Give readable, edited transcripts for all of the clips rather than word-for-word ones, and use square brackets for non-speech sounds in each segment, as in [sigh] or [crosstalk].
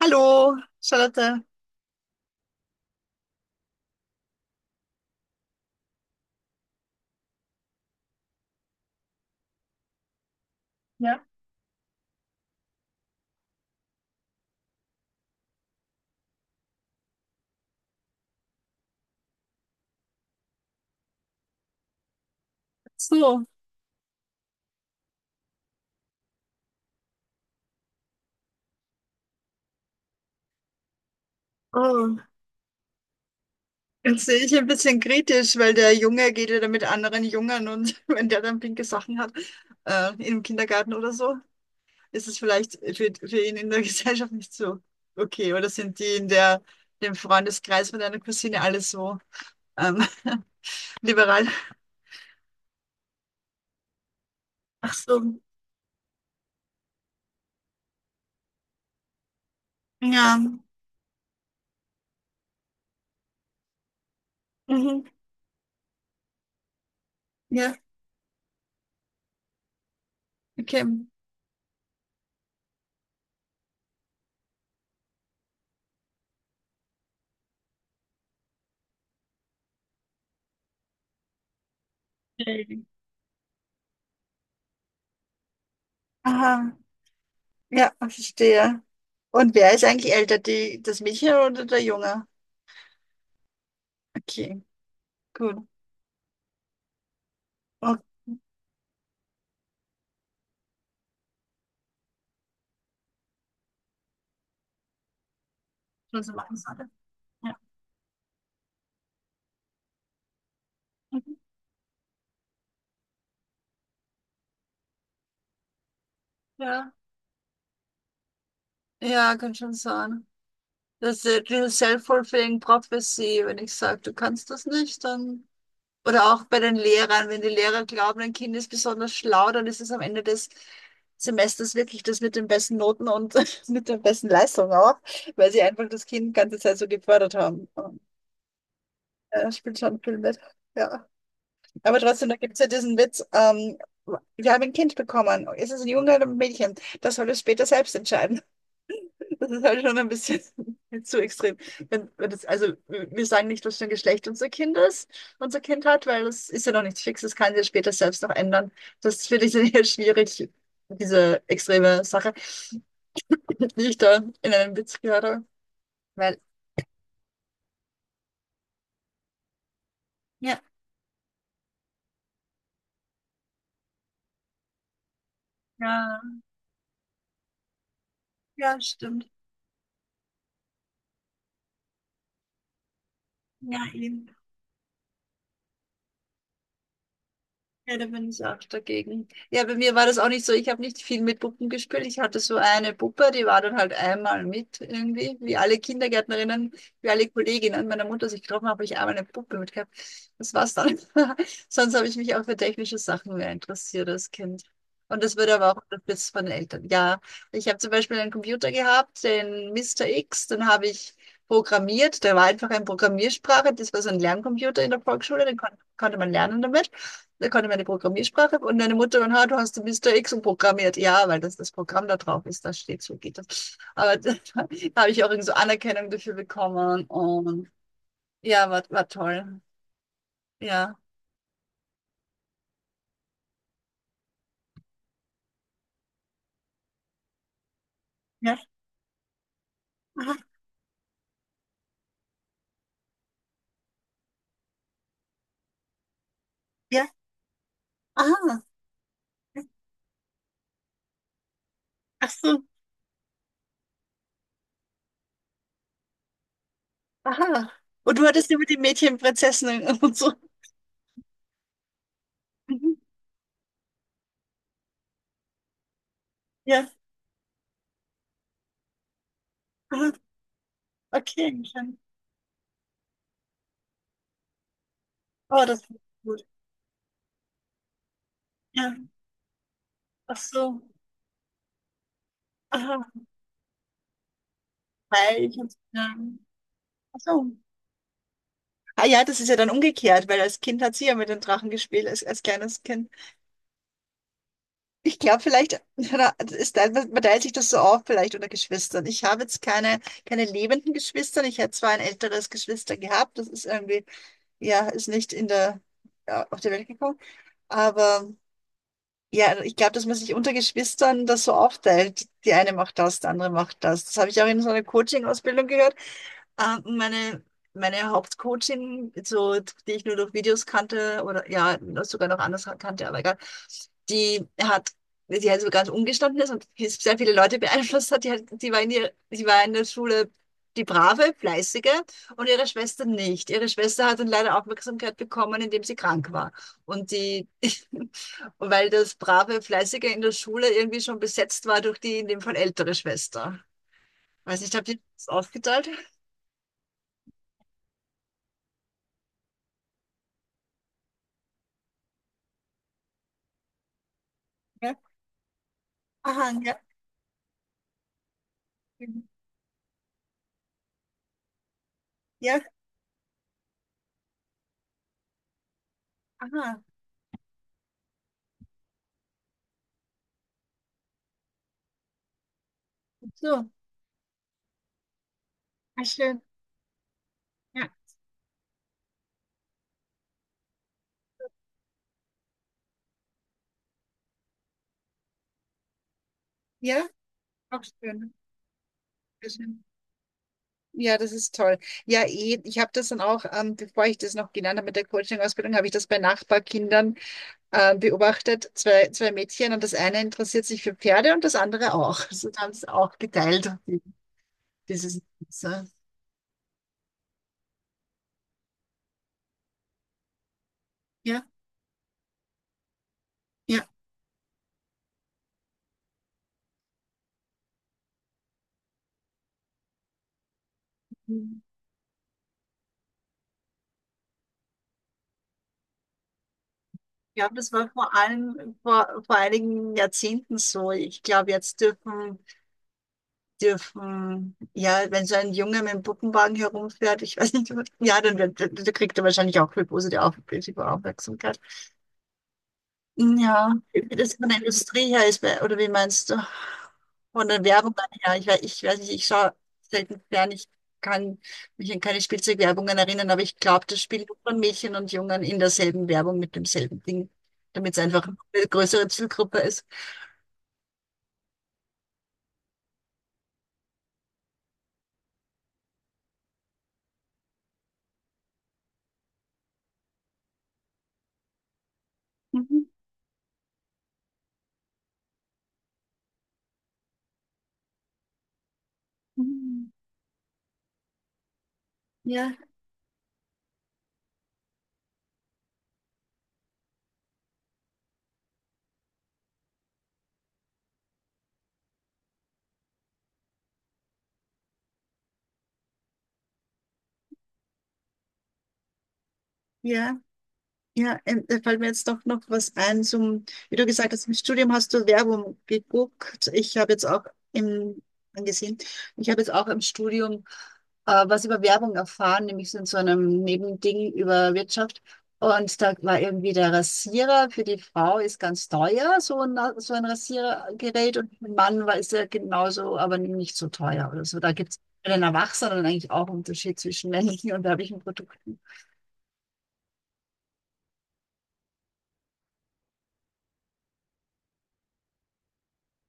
Hallo, Charlotte. Ja. So, oh, jetzt sehe ich ein bisschen kritisch, weil der Junge geht ja da mit anderen Jungen und [laughs] wenn der dann pinke Sachen hat, im Kindergarten oder so, ist es vielleicht für ihn in der [laughs] Gesellschaft nicht so okay. Oder sind die in der, dem Freundeskreis von deiner Cousine alle so ähm, [laughs] liberal? Ach so, ja. Mhm. Ja, okay. Okay. Aha, ja, verstehe. Und wer ist eigentlich älter, die, das Mädchen oder der Junge? Okay, gut. Okay, das war es, oder? Ja. Mhm. Ja, ja, kann schon sein. Das ist diese Self-Fulfilling Prophecy, wenn ich sage, du kannst das nicht, dann. Oder auch bei den Lehrern, wenn die Lehrer glauben, ein Kind ist besonders schlau, dann ist es am Ende des Semesters wirklich das mit den besten Noten und [laughs] mit der besten Leistung auch, weil sie einfach das Kind die ganze Zeit so gefördert haben. Ja, das spielt schon viel mit. Ja. Aber trotzdem, da gibt es ja diesen Witz, wir haben ein Kind bekommen. Ist es ein Junge oder ein Mädchen? Das soll es später selbst entscheiden. [laughs] Das ist halt schon ein bisschen [laughs] zu extrem. Wenn das, also wir sagen nicht, was für ein Geschlecht unser Kind ist, unser Kind hat, weil das ist ja noch nichts Fixes, das kann sich ja später selbst noch ändern. Das finde ich [laughs] dann eher schwierig, diese extreme Sache, die ich da in einem Witz gehört habe. Weil, ja, ja, ja, stimmt. Ja, eben. Ja, da bin ich auch dagegen. Ja, bei mir war das auch nicht so. Ich habe nicht viel mit Puppen gespielt. Ich hatte so eine Puppe, die war dann halt einmal mit irgendwie, wie alle Kindergärtnerinnen, wie alle Kolleginnen meiner Mutter sich getroffen haben, habe ich einmal eine Puppe mit gehabt. Das war's dann. [laughs] Sonst habe ich mich auch für technische Sachen mehr interessiert als Kind. Und das wurde aber auch unterstützt von den Eltern. Ja, ich habe zum Beispiel einen Computer gehabt, den Mister X, den habe ich programmiert. Der war einfach eine Programmiersprache. Das war so ein Lerncomputer in der Volksschule, den kon konnte man lernen damit, da konnte meine Programmiersprache und deine Mutter und ha, du hast Mr. X programmiert. Ja, weil das das Programm da drauf ist, da steht so geht das. Aber [laughs] da, habe ich auch irgendwie so Anerkennung dafür bekommen und ja, war toll. Ja. Ja, aha, ja, aha. Ach so, aha. Und du hattest über die Mädchen, Prinzessinnen [laughs] und so. Mhm, ja, aha, okay. Schön. Oh, das ist gut. Ja, ach so, aha. Hi, ich hab's, ja. Ach so. Ah ja, das ist ja dann umgekehrt, weil als Kind hat sie ja mit den Drachen gespielt, als, als kleines Kind. Ich glaube, vielleicht [laughs] ist da, man teilt sich das so auf, vielleicht unter Geschwistern. Ich habe jetzt keine, keine lebenden Geschwister. Ich hätte zwar ein älteres Geschwister gehabt, das ist irgendwie, ja, ist nicht in der, ja, auf die Welt gekommen. Aber ja, ich glaube, dass man sich unter Geschwistern das so aufteilt. Die eine macht das, die andere macht das. Das habe ich auch in so einer Coaching-Ausbildung gehört. Äh, meine, meine Hauptcoachin, so, die ich nur durch Videos kannte, oder ja, sogar noch anders kannte, aber egal, die hat, die halt so ganz umgestanden ist und sehr viele Leute beeinflusst hat, die, hat, die war in der Schule die brave, fleißige und ihre Schwester nicht. Ihre Schwester hat dann leider Aufmerksamkeit bekommen, indem sie krank war. Und die, [laughs] und weil das brave, fleißige in der Schule irgendwie schon besetzt war durch die in dem Fall ältere Schwester. Weiß nicht, habt ihr das aufgeteilt? Aha, ja, schön. Ja, aha, gut so. Ah, schön. Ja, ja, auch schön. Sehr schön. Ja, das ist toll. Ja, eh, ich habe das dann auch, bevor ich das noch gelernt habe mit der Coaching-Ausbildung, habe ich das bei Nachbarkindern beobachtet, zwei Mädchen, und das eine interessiert sich für Pferde und das andere auch. Also da haben sie auch geteilt, dieses. So. Ja, ja. Ich glaube, das war vor allem vor einigen Jahrzehnten so. Ich glaube, jetzt ja, wenn so ein Junge mit dem Puppenwagen herumfährt, ich weiß nicht, ja, dann wird, dann kriegt er wahrscheinlich auch viel positive Aufmerksamkeit. Ja, wie das von der Industrie her ist, oder wie meinst du? Von der Werbung her, ich weiß nicht, ich schaue selten fern, ich kann mich an keine Spielzeugwerbungen erinnern, aber ich glaube, das spielt von Mädchen und Jungen in derselben Werbung mit demselben Ding, damit es einfach eine größere Zielgruppe ist. Mhm. Mhm. Ja, ja. Ja, da fällt mir jetzt doch noch was ein zum, wie du gesagt hast, im Studium hast du Werbung geguckt. Im, angesehen, ich habe jetzt auch im Studium was über Werbung erfahren, nämlich so in so einem Nebending über Wirtschaft. Und da war irgendwie der Rasierer für die Frau ist ganz teuer, so ein Rasiergerät. Und für den Mann war, ist er genauso, aber nicht so teuer oder so. Da gibt es bei den Erwachsenen eigentlich auch einen Unterschied zwischen männlichen und weiblichen Produkten.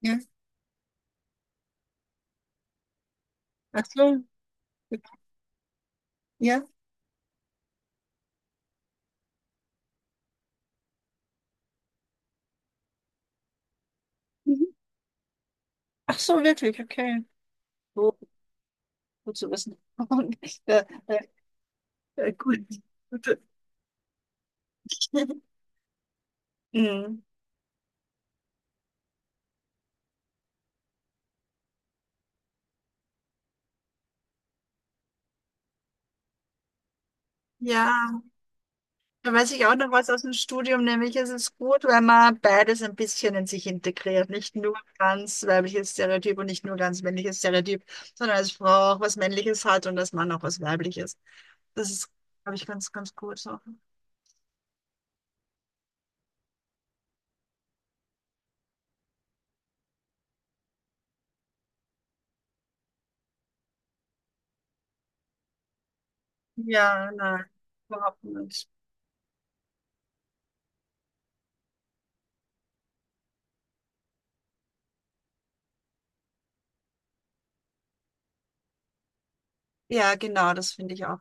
Ja, ach so. Ja. Mhm. Ach so, wirklich, okay. So, gut zu wissen. [laughs] Und, äh, äh, gut. Gut. [laughs] Mhm. Ja, da weiß ich auch noch was aus dem Studium, nämlich es ist gut, wenn man beides ein bisschen in sich integriert. Nicht nur ganz weibliches Stereotyp und nicht nur ganz männliches Stereotyp, sondern als Frau auch was Männliches hat und als Mann auch was Weibliches. Das ist, glaube ich, ganz, ganz gut so. Ja, nein, überhaupt nicht. Ja, genau, das finde ich auch.